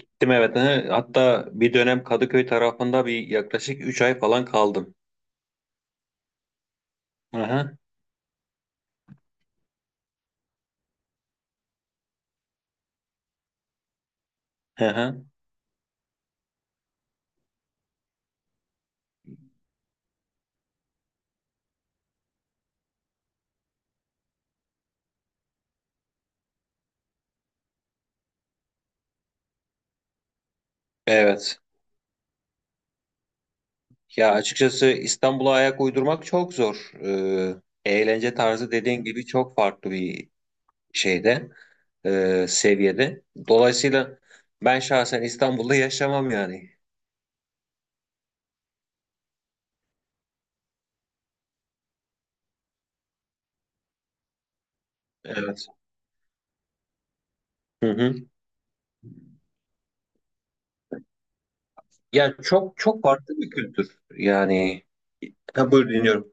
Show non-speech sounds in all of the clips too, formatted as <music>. Gittim evet. Hı. Hatta bir dönem Kadıköy tarafında bir yaklaşık 3 ay falan kaldım. Hı hı. Hı hı. Evet. Ya açıkçası İstanbul'a ayak uydurmak çok zor. Eğlence tarzı dediğin gibi çok farklı bir şeyde, seviyede. Dolayısıyla ben şahsen İstanbul'da yaşamam yani. Evet. Hı hı. Ya çok çok farklı bir kültür. Yani. Ha, buyur dinliyorum.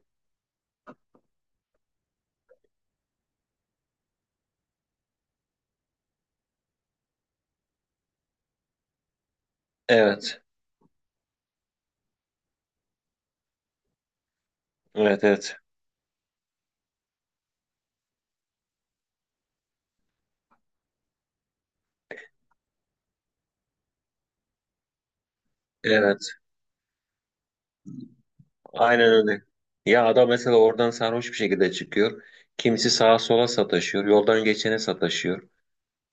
Evet. Evet evet. Evet. Aynen öyle. Ya adam mesela oradan sarhoş bir şekilde çıkıyor. Kimisi sağa sola sataşıyor. Yoldan geçene sataşıyor.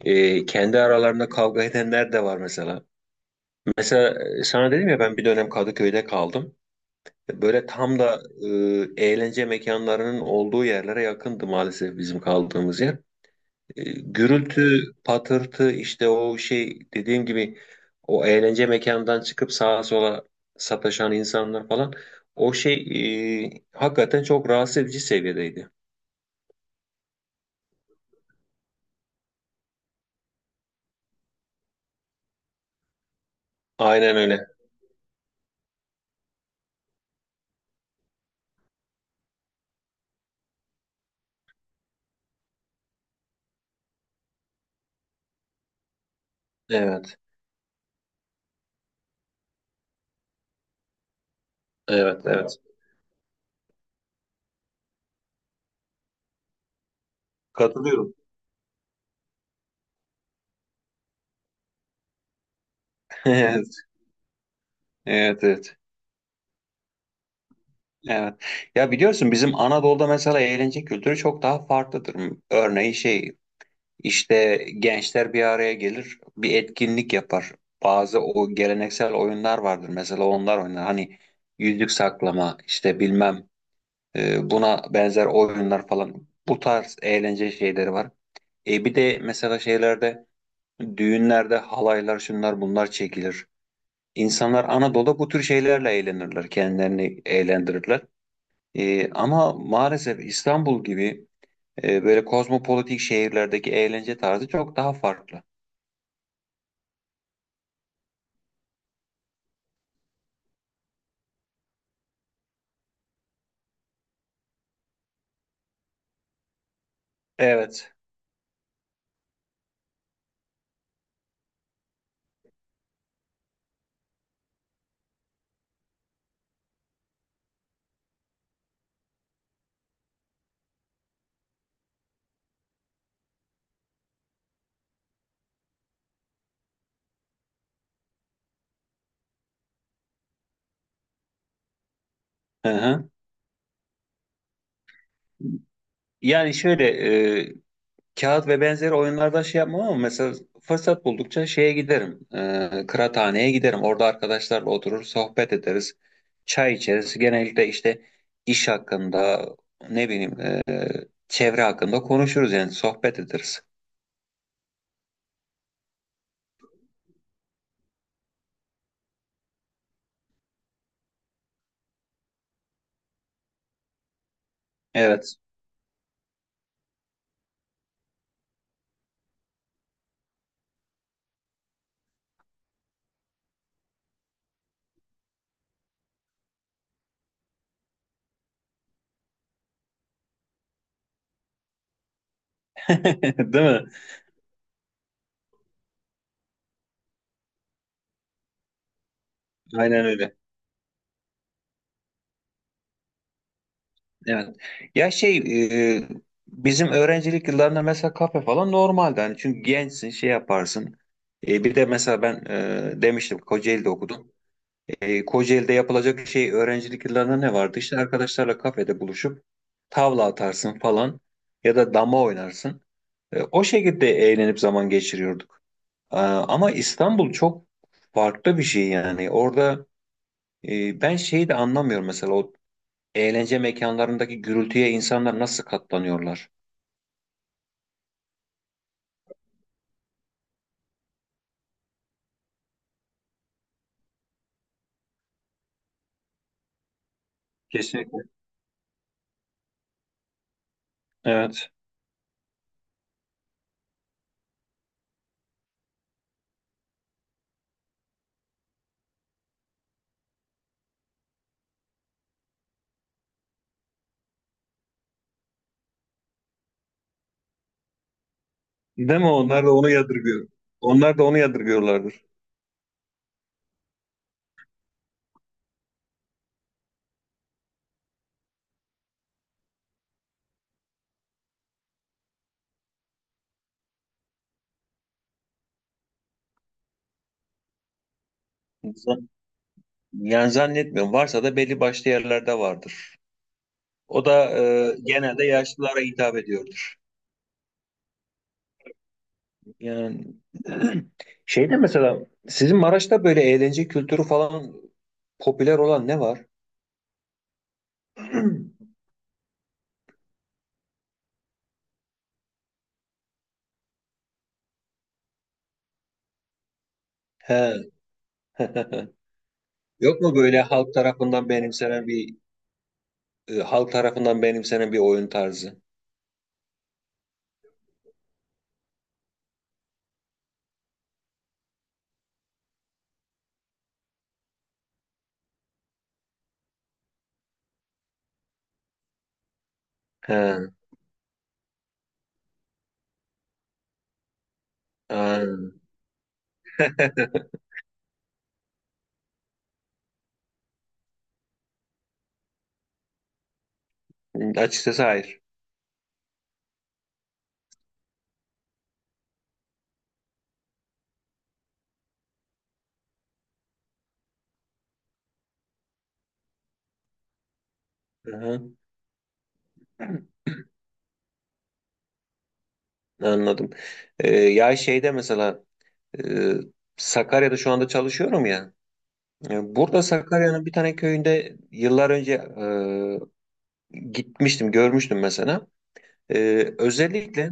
Kendi aralarında kavga edenler de var mesela. Mesela sana dedim ya ben bir dönem Kadıköy'de kaldım. Böyle tam da eğlence mekanlarının olduğu yerlere yakındı maalesef bizim kaldığımız yer. E, gürültü, patırtı işte o şey dediğim gibi o eğlence mekanından çıkıp sağa sola sataşan insanlar falan o şey hakikaten çok rahatsız edici seviyedeydi. Aynen öyle. Evet, evet, evet. Katılıyorum. <laughs> Evet, evet, evet. Evet. Ya biliyorsun bizim Anadolu'da mesela eğlence kültürü çok daha farklıdır. Örneğin şey İşte gençler bir araya gelir, bir etkinlik yapar. Bazı o geleneksel oyunlar vardır. Mesela onlar oynar. Hani yüzük saklama, işte bilmem buna benzer oyunlar falan. Bu tarz eğlence şeyleri var. E bir de mesela şeylerde, düğünlerde halaylar, şunlar bunlar çekilir. İnsanlar Anadolu'da bu tür şeylerle eğlenirler, kendilerini eğlendirirler. E, ama maalesef İstanbul gibi böyle kozmopolitik şehirlerdeki eğlence tarzı çok daha farklı. Evet. Hı hı. Yani şöyle e, kağıt ve benzeri oyunlarda şey yapmam ama mesela fırsat buldukça şeye giderim. E, kıraathaneye giderim. Orada arkadaşlarla oturur sohbet ederiz. Çay içeriz. Genellikle işte iş hakkında ne bileyim çevre hakkında konuşuruz yani sohbet ederiz. Evet. <laughs> Değil mi? Aynen öyle. Evet. Ya şey e, bizim öğrencilik yıllarında mesela kafe falan normaldi. Hani çünkü gençsin şey yaparsın. E, bir de mesela ben demiştim Kocaeli'de okudum. E, Kocaeli'de yapılacak şey öğrencilik yıllarında ne vardı? İşte arkadaşlarla kafede buluşup tavla atarsın falan ya da dama oynarsın. E, o şekilde eğlenip zaman geçiriyorduk. E, ama İstanbul çok farklı bir şey yani. Orada ben şeyi de anlamıyorum mesela o eğlence mekanlarındaki gürültüye insanlar nasıl katlanıyorlar? Kesinlikle. Evet. Değil mi? Onlar da onu yadırgıyor. Onlar da onu yadırgıyorlardır. Zan- Yani zannetmiyorum. Varsa da belli başlı yerlerde vardır. O da genelde yaşlılara hitap ediyordur. Yani <clears throat> şey de mesela sizin Maraş'ta böyle eğlence kültürü falan popüler olan ne var? <clears throat> He. <laughs> Yok mu böyle halk tarafından benimsenen bir oyun tarzı? He. Aa, <laughs> açıkçası hayır. Aha, <clears throat> anladım. Ya şeyde mesela e, Sakarya'da şu anda çalışıyorum ya. E, burada Sakarya'nın bir tane köyünde yıllar önce gitmiştim, görmüştüm mesela. E, özellikle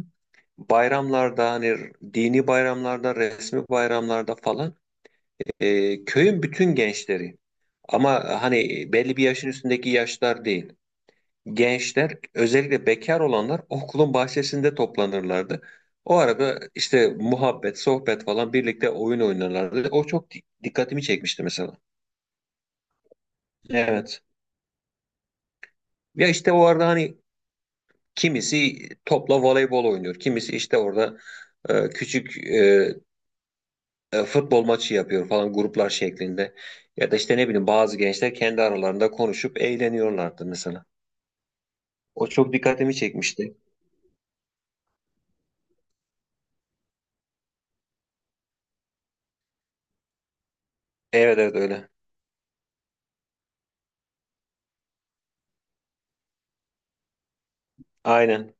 bayramlarda hani dini bayramlarda, resmi bayramlarda falan köyün bütün gençleri ama hani belli bir yaşın üstündeki yaşlar değil. Gençler özellikle bekar olanlar okulun bahçesinde toplanırlardı. O arada işte muhabbet, sohbet falan birlikte oyun oynarlardı. O çok dikkatimi çekmişti mesela. Evet. Ya işte o arada hani kimisi topla voleybol oynuyor. Kimisi işte orada küçük futbol maçı yapıyor falan gruplar şeklinde. Ya da işte ne bileyim bazı gençler kendi aralarında konuşup eğleniyorlardı mesela. O çok dikkatimi çekmişti. Evet evet öyle. Aynen.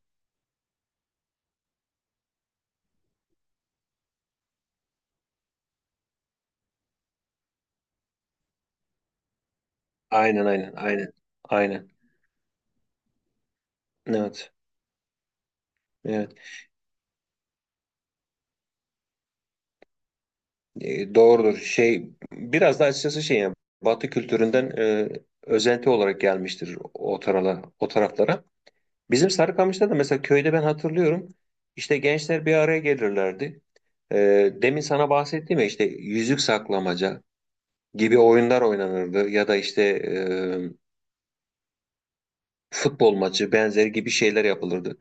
Aynen aynen aynen. Aynen. Evet, evet. E, doğrudur. Şey biraz da açıkçası şey yani Batı kültüründen özenti olarak gelmiştir o o taraflara. Bizim Sarıkamış'ta da mesela köyde ben hatırlıyorum. İşte gençler bir araya gelirlerdi. E, demin sana bahsettiğim ya işte yüzük saklamaca gibi oyunlar oynanırdı ya da işte futbol maçı benzeri gibi şeyler yapılırdı.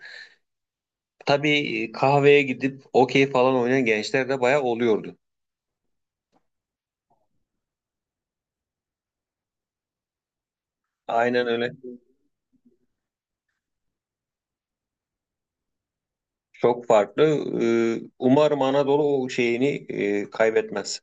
Tabii kahveye gidip okey falan oynayan gençler de bayağı oluyordu. Aynen öyle. Çok farklı. Umarım Anadolu o şeyini kaybetmez.